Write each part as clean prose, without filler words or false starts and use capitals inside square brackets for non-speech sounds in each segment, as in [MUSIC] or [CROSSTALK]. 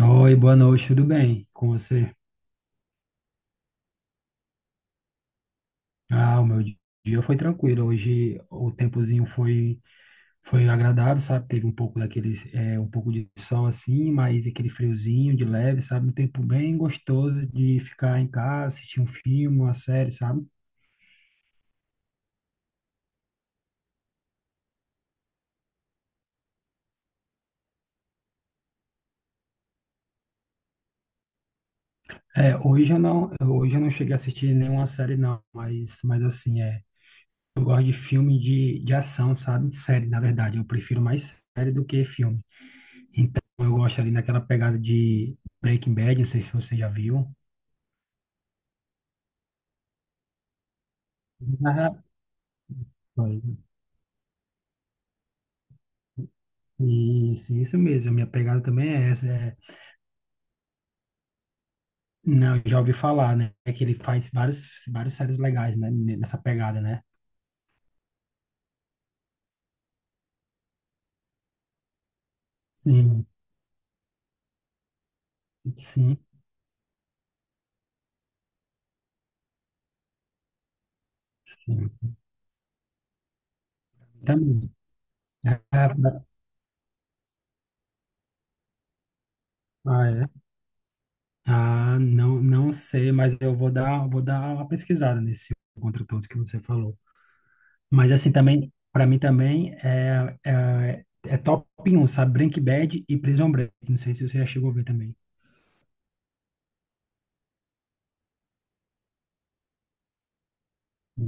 Oi, boa noite, tudo bem com você? Ah, dia foi tranquilo. Hoje o tempozinho foi agradável, sabe? Teve um pouco daquele um pouco de sol assim, mas aquele friozinho de leve, sabe? Um tempo bem gostoso de ficar em casa, assistir um filme, uma série, sabe? Hoje eu não cheguei a assistir nenhuma série não, mas assim. Eu gosto de filme de ação, sabe? Série, na verdade, eu prefiro mais série do que filme. Eu gosto ali daquela pegada de Breaking Bad, não sei se você já viu. Ah, pois, isso mesmo. A minha pegada também é essa. Não, eu já ouvi falar, né? É que ele faz vários séries legais, né? Nessa pegada, né? Sim, sim, sim. Também. Ah, ah, é. Ah, não, não sei, mas vou dar uma pesquisada nesse contra todos que você falou. Mas assim também, para mim também é top 1, sabe? Breaking Bad e Prison Break. Não sei se você já chegou a ver também. E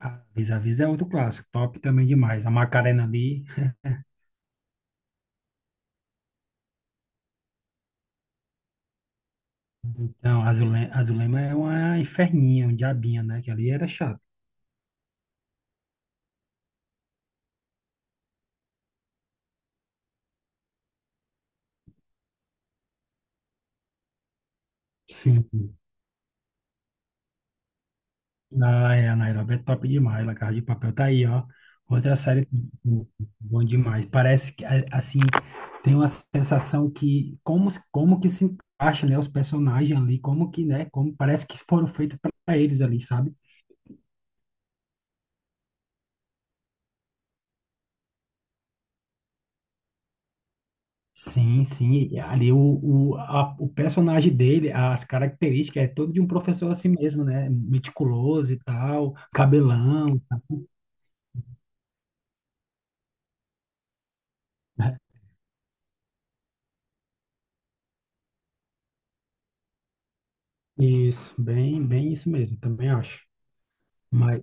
a a Vis é outro clássico, top também demais. A Macarena ali, então, a Azulema, Azulema é uma inferninha, um diabinho, né? Que ali era chato. Sim. Ah, é, a Nairobi é top demais. La Casa de Papel tá aí, ó. Outra série bom demais. Parece que, assim, tem uma sensação que como que se encaixa, né, os personagens ali, como que, né, como parece que foram feitos para eles ali, sabe? Sim, sim. Ali o personagem dele, as características, é todo de um professor assim mesmo, né? Meticuloso e tal, cabelão, sabe? Isso, bem, bem isso mesmo, também acho. mas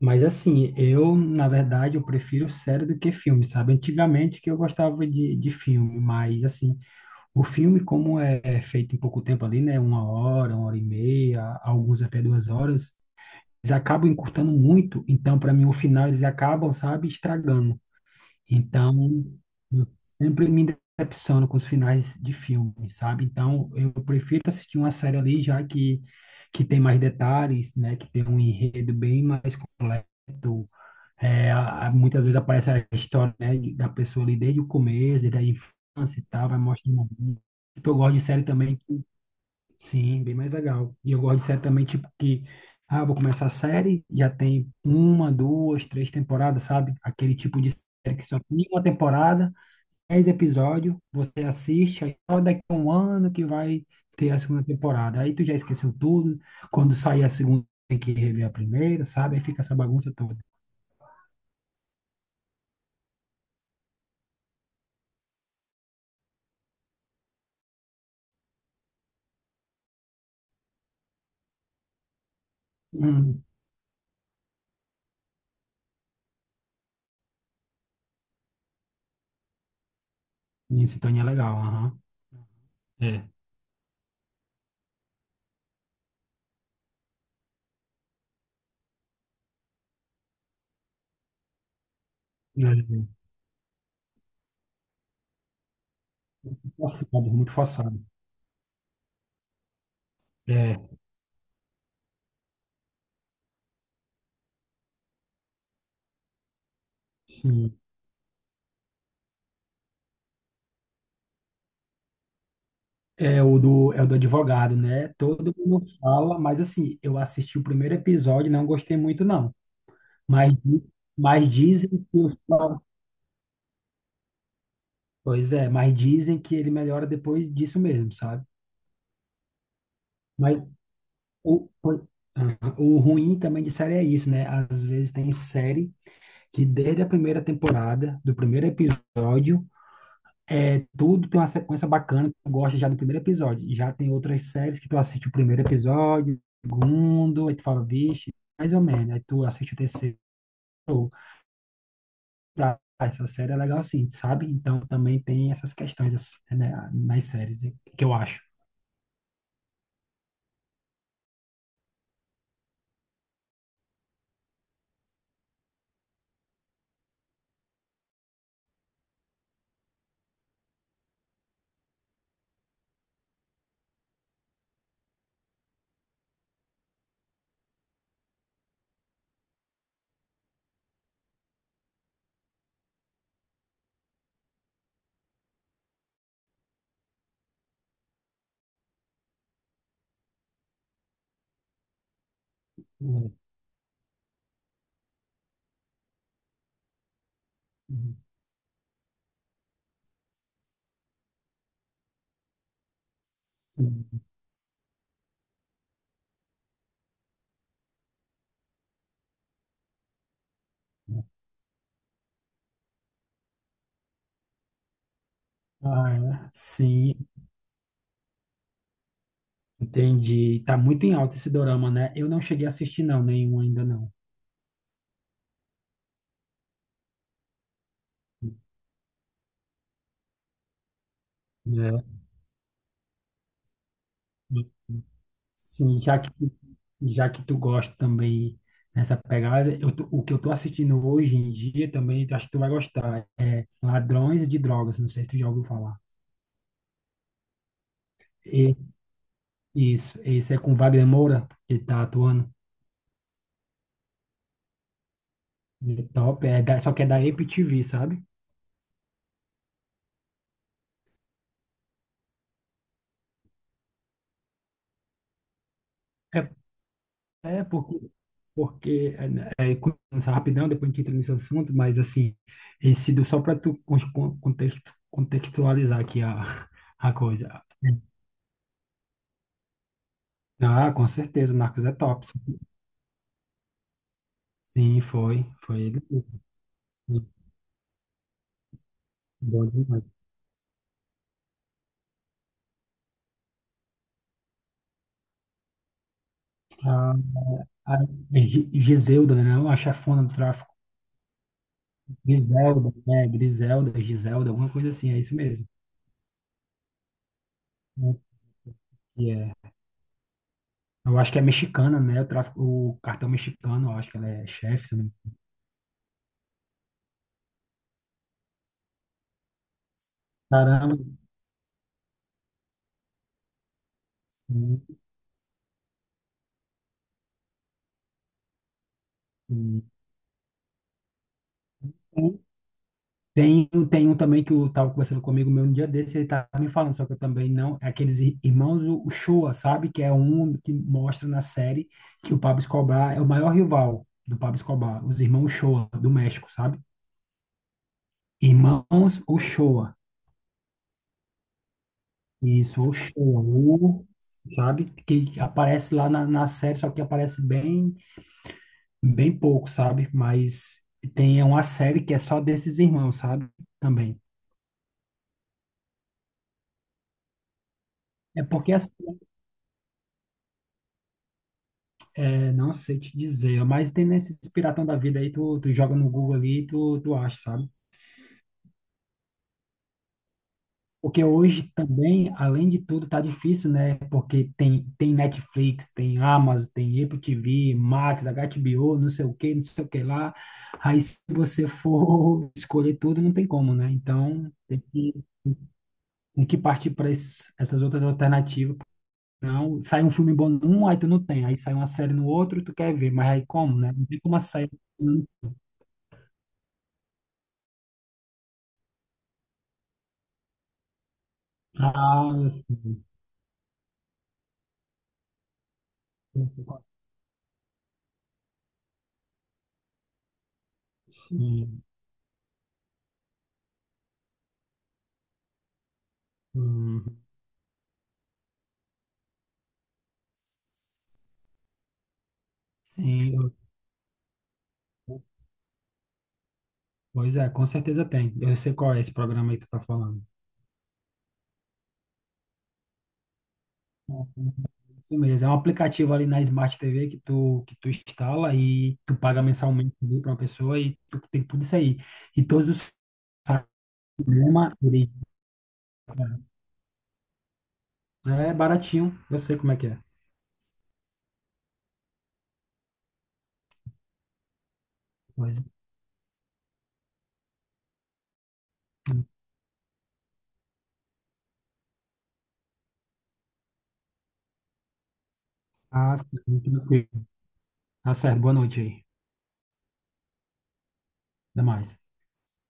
Mas assim, eu, na verdade, eu prefiro série do que filme, sabe? Antigamente que eu gostava de filme, mas assim, o filme, como é feito em pouco tempo ali, né? Uma hora e meia, alguns até duas horas, eles acabam encurtando muito. Então, para mim, o final eles acabam, sabe, estragando. Então, eu sempre me decepciono com os finais de filme, sabe? Então, eu prefiro assistir uma série ali, que tem mais detalhes, né? Que tem um enredo bem mais completo, muitas vezes aparece a história, né, da pessoa ali desde o começo, desde a infância e tal, vai mostrando a vida. Tipo, eu gosto de série também, que- Sim, bem mais legal. E eu gosto de série também, tipo, que, ah, vou começar a série, já tem uma, duas, três temporadas, sabe? Aquele tipo de série que só tem uma temporada, dez episódios, você assiste, aí só daqui a um ano que vai ter a segunda temporada. Aí tu já esqueceu tudo, quando sair a segunda tem que rever a primeira, sabe? Aí fica essa bagunça toda. Hum. Minha sintonia é legal, aham. É. Né, forçado, muito forçado. É, sim. É o do advogado, né? Todo mundo fala, mas assim, eu assisti o primeiro episódio e não gostei muito, não. Mas, di- mas dizem pois é, mas dizem que ele melhora depois disso mesmo, sabe? Mas o, o, o ruim também de série é isso, né? Às vezes tem série que desde a primeira temporada, do primeiro episódio, é, tudo tem uma sequência bacana, tu gosta já do primeiro episódio. Já tem outras séries que tu assiste o primeiro episódio, o segundo, aí tu fala, vixe, mais ou menos. Aí tu assiste o terceiro, tá, essa série é legal assim, sabe? Então também tem essas questões assim, né, nas séries, que eu acho. Hum, hum, hum. Ah, é. Sim, entendi. Tá muito em alta esse dorama, né? Eu não cheguei a assistir, não, nenhum ainda não. É. Sim, já que tu gosta também nessa pegada, o que eu tô assistindo hoje em dia também, acho que tu vai gostar, é Ladrões de Drogas, não sei se tu já ouviu falar. Esse- isso, esse é com Wagner Moura, que tá atuando. Ele é top, é da, só que é da Apple TV, sabe? É, é porque, porque é, né, é, começa rapidão, depois a gente entra nesse assunto, mas assim, esse do, só para tu contexto, contextualizar aqui a coisa. Ah, com certeza, o Marcos é top. Sim, foi, foi ele. Mesmo. Bom demais. A, a Giselda, né? Não, a chefona do tráfico. Griselda, né? Griselda, Giselda, alguma coisa assim, é isso mesmo. Né? E é, eu acho que é mexicana, né? O tráfico, o cartão mexicano, eu acho que ela é chefe, se eu não me engano. Caramba, sim, sim. Tem, tem um também que eu estava conversando comigo meu um dia desse, ele estava me falando, só que eu também não, é aqueles irmãos o Uchoa, sabe? Que é um que mostra na série que o Pablo Escobar é o maior rival do Pablo Escobar, os irmãos Uchoa do México, sabe? Irmãos Uchoa, isso, Uchoa, U, sabe? Que aparece lá na série, só que aparece bem, bem pouco, sabe? Mas tem é uma série que é só desses irmãos, sabe? Também. É porque assim, é, não sei te dizer, mas tem nesses piratão da vida aí, tu joga no Google ali e tu acha, sabe? Porque hoje também, além de tudo, tá difícil, né? Porque tem Netflix, tem Amazon, tem Apple TV, Max, HBO, não sei o que, não sei o que lá. Aí se você for [LAUGHS] escolher tudo, não tem como, né? Tem que partir para essas outras alternativas. Não, sai um filme bom num, aí tu não tem. Aí sai uma série no outro, tu quer ver, mas aí como, né? Não tem como a série. Ah, sim, uhum. Sim, eu- pois é, com certeza tem. Eu sei qual é esse programa aí que tu tá falando. É, isso mesmo, é um aplicativo ali na Smart TV que tu instala e tu paga mensalmente ali pra uma pessoa e tu tem tudo isso aí. E todos os sites, do programa, ele é baratinho, eu sei como é que é. Pois, é. Ah, sim, tranquilo. Tá certo, boa noite aí. Até mais.